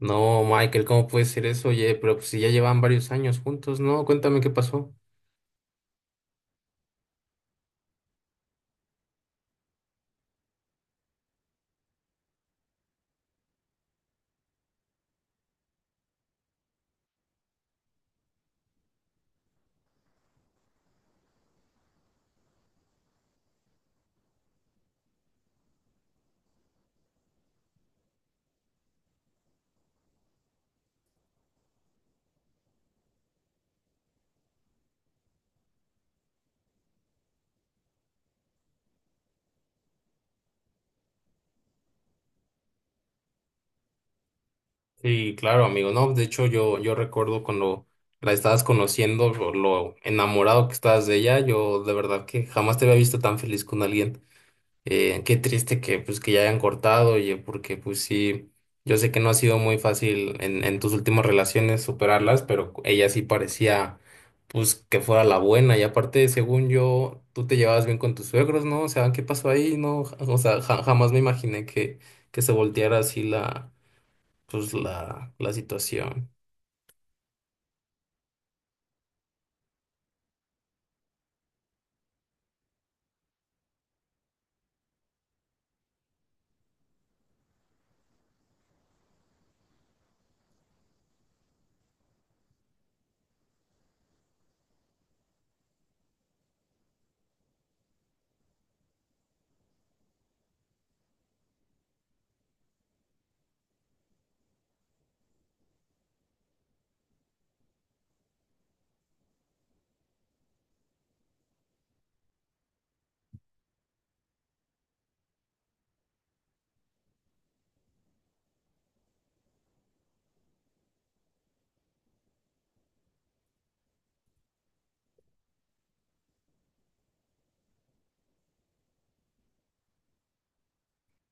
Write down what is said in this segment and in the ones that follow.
No, Michael, ¿cómo puede ser eso? Oye, pero pues si ya llevan varios años juntos, ¿no? Cuéntame qué pasó. Sí, claro, amigo. No, de hecho, yo recuerdo cuando la estabas conociendo, lo enamorado que estabas de ella, yo de verdad que jamás te había visto tan feliz con alguien. Qué triste que pues que ya hayan cortado, oye, porque pues sí, yo sé que no ha sido muy fácil en tus últimas relaciones superarlas, pero ella sí parecía pues que fuera la buena. Y aparte, según yo, tú te llevabas bien con tus suegros, ¿no? O sea, ¿qué pasó ahí? No, o sea, jamás me imaginé que se volteara así pues la situación.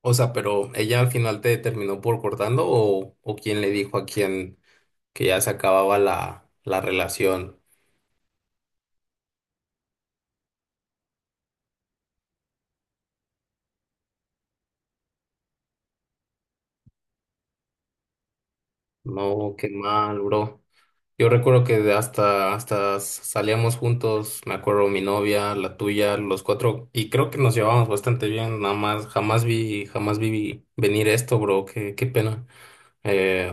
O sea, pero ella al final te terminó por cortando o quién le dijo a quién que ya se acababa la relación. No, qué mal, bro. Yo recuerdo que hasta salíamos juntos, me acuerdo mi novia, la tuya, los cuatro, y creo que nos llevábamos bastante bien, nada más, jamás vi venir esto, bro, qué pena. Eh,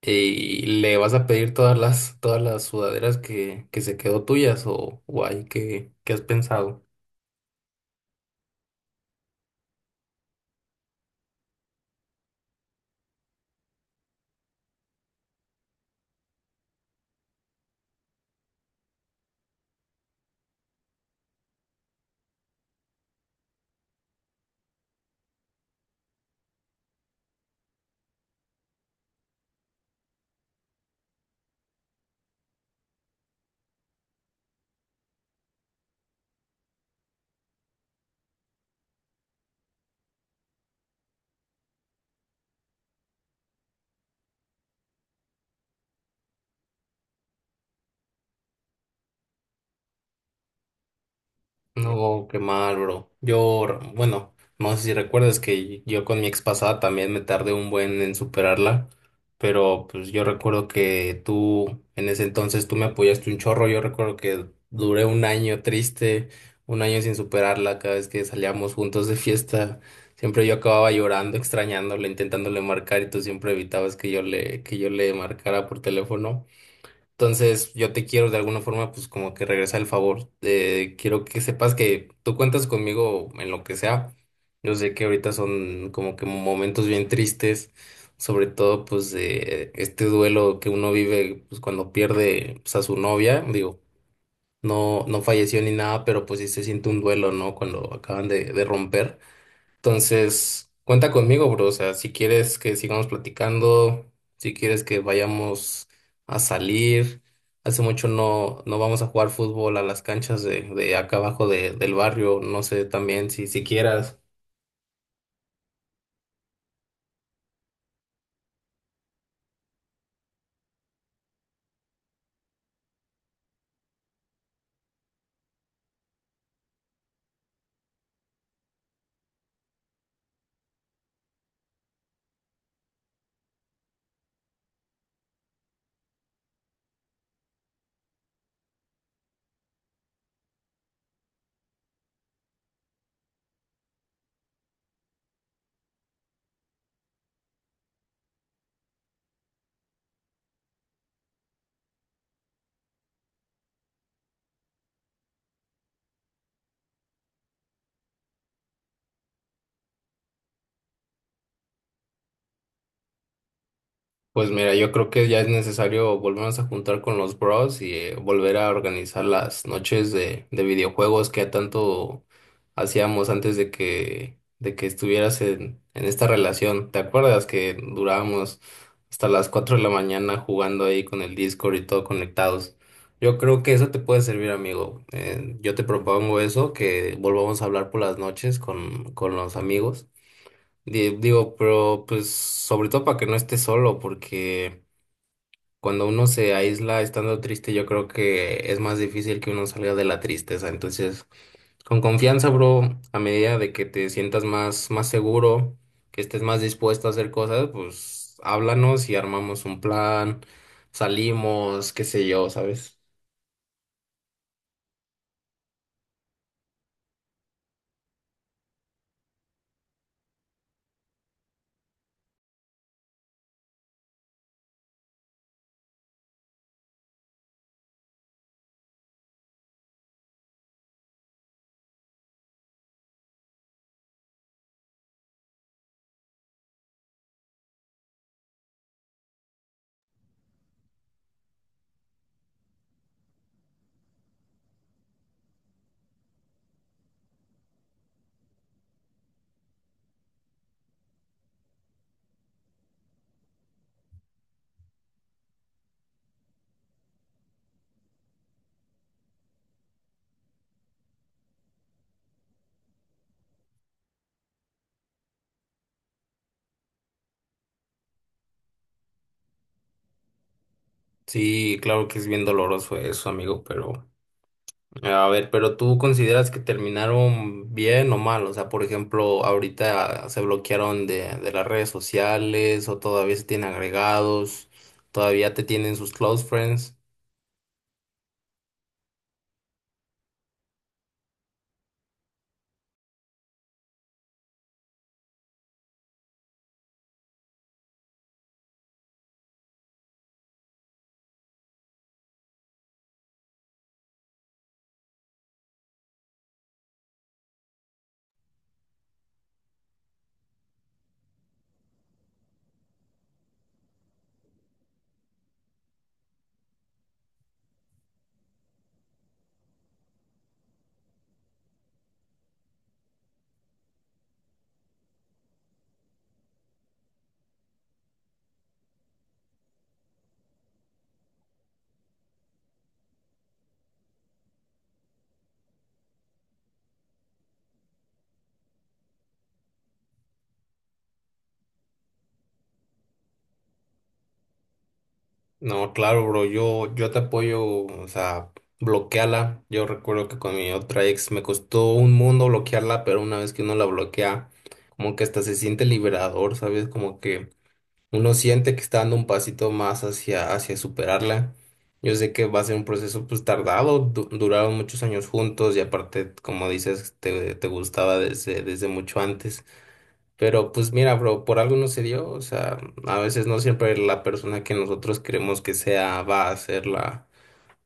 y le vas a pedir todas las sudaderas que se quedó tuyas, o ahí, ¿qué has pensado? No, qué mal, bro. Bueno, no sé si recuerdas que yo con mi ex pasada también me tardé un buen en superarla, pero pues yo recuerdo que tú, en ese entonces tú me apoyaste un chorro, yo recuerdo que duré un año triste, un año sin superarla, cada vez que salíamos juntos de fiesta, siempre yo acababa llorando, extrañándola, intentándole marcar y tú siempre evitabas que yo le marcara por teléfono. Entonces, yo te quiero de alguna forma, pues como que regresar el favor. Quiero que sepas que tú cuentas conmigo en lo que sea. Yo sé que ahorita son como que momentos bien tristes, sobre todo pues de este duelo que uno vive pues cuando pierde pues, a su novia. Digo, no, no falleció ni nada, pero pues sí se siente un duelo, ¿no? Cuando acaban de romper. Entonces, cuenta conmigo, bro. O sea, si quieres que sigamos platicando, si quieres que vayamos a salir. Hace mucho no vamos a jugar fútbol a las canchas de acá abajo del barrio. No sé también si quieras. Pues mira, yo creo que ya es necesario volvernos a juntar con los bros y volver a organizar las noches de videojuegos que tanto hacíamos antes de que estuvieras en esta relación. ¿Te acuerdas que durábamos hasta las 4 de la mañana jugando ahí con el Discord y todo conectados? Yo creo que eso te puede servir, amigo. Yo te propongo eso, que volvamos a hablar por las noches con los amigos. Digo, pero pues sobre todo para que no esté solo, porque cuando uno se aísla estando triste, yo creo que es más difícil que uno salga de la tristeza. Entonces, con confianza, bro, a medida de que te sientas más seguro, que estés más dispuesto a hacer cosas, pues háblanos y armamos un plan, salimos, qué sé yo, ¿sabes? Sí, claro que es bien doloroso eso, amigo, pero. A ver, pero tú consideras que terminaron bien o mal, o sea, por ejemplo, ahorita se bloquearon de las redes sociales o todavía se tienen agregados, todavía te tienen sus close friends. No, claro, bro, yo te apoyo, o sea, bloqueala. Yo recuerdo que con mi otra ex me costó un mundo bloquearla, pero una vez que uno la bloquea, como que hasta se siente liberador, ¿sabes? Como que uno siente que está dando un pasito más hacia superarla. Yo sé que va a ser un proceso pues tardado, duraron muchos años juntos y aparte, como dices, te gustaba desde mucho antes. Pero pues mira, bro, por algo no se dio, o sea, a veces no siempre la persona que nosotros queremos que sea va a ser la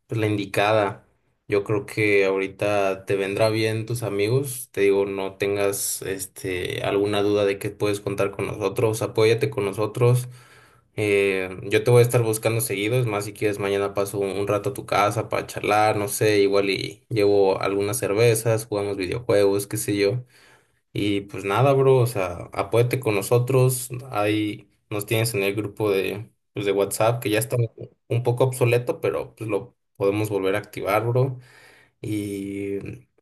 pues la indicada. Yo creo que ahorita te vendrá bien tus amigos. Te digo, no tengas alguna duda de que puedes contar con nosotros. Apóyate con nosotros. Yo te voy a estar buscando seguido. Es más, si quieres, mañana paso un rato a tu casa para charlar, no sé, igual y llevo algunas cervezas, jugamos videojuegos, qué sé yo. Y pues nada, bro, o sea, apóyate con nosotros. Ahí nos tienes en el grupo de WhatsApp, que ya está un poco obsoleto, pero pues lo podemos volver a activar, bro. Y,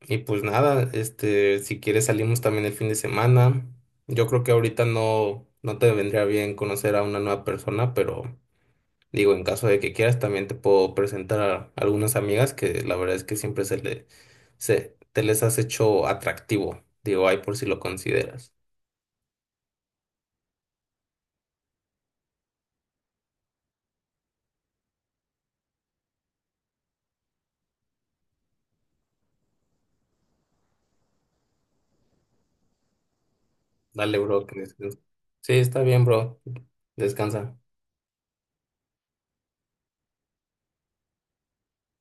y pues nada, si quieres salimos también el fin de semana. Yo creo que ahorita no te vendría bien conocer a una nueva persona, pero. Digo, en caso de que quieras, también te puedo presentar a algunas amigas que la verdad es que siempre te les has hecho atractivo. Digo, ahí por si lo consideras. Dale, bro, que descanses. Sí, está bien, bro. Descansa.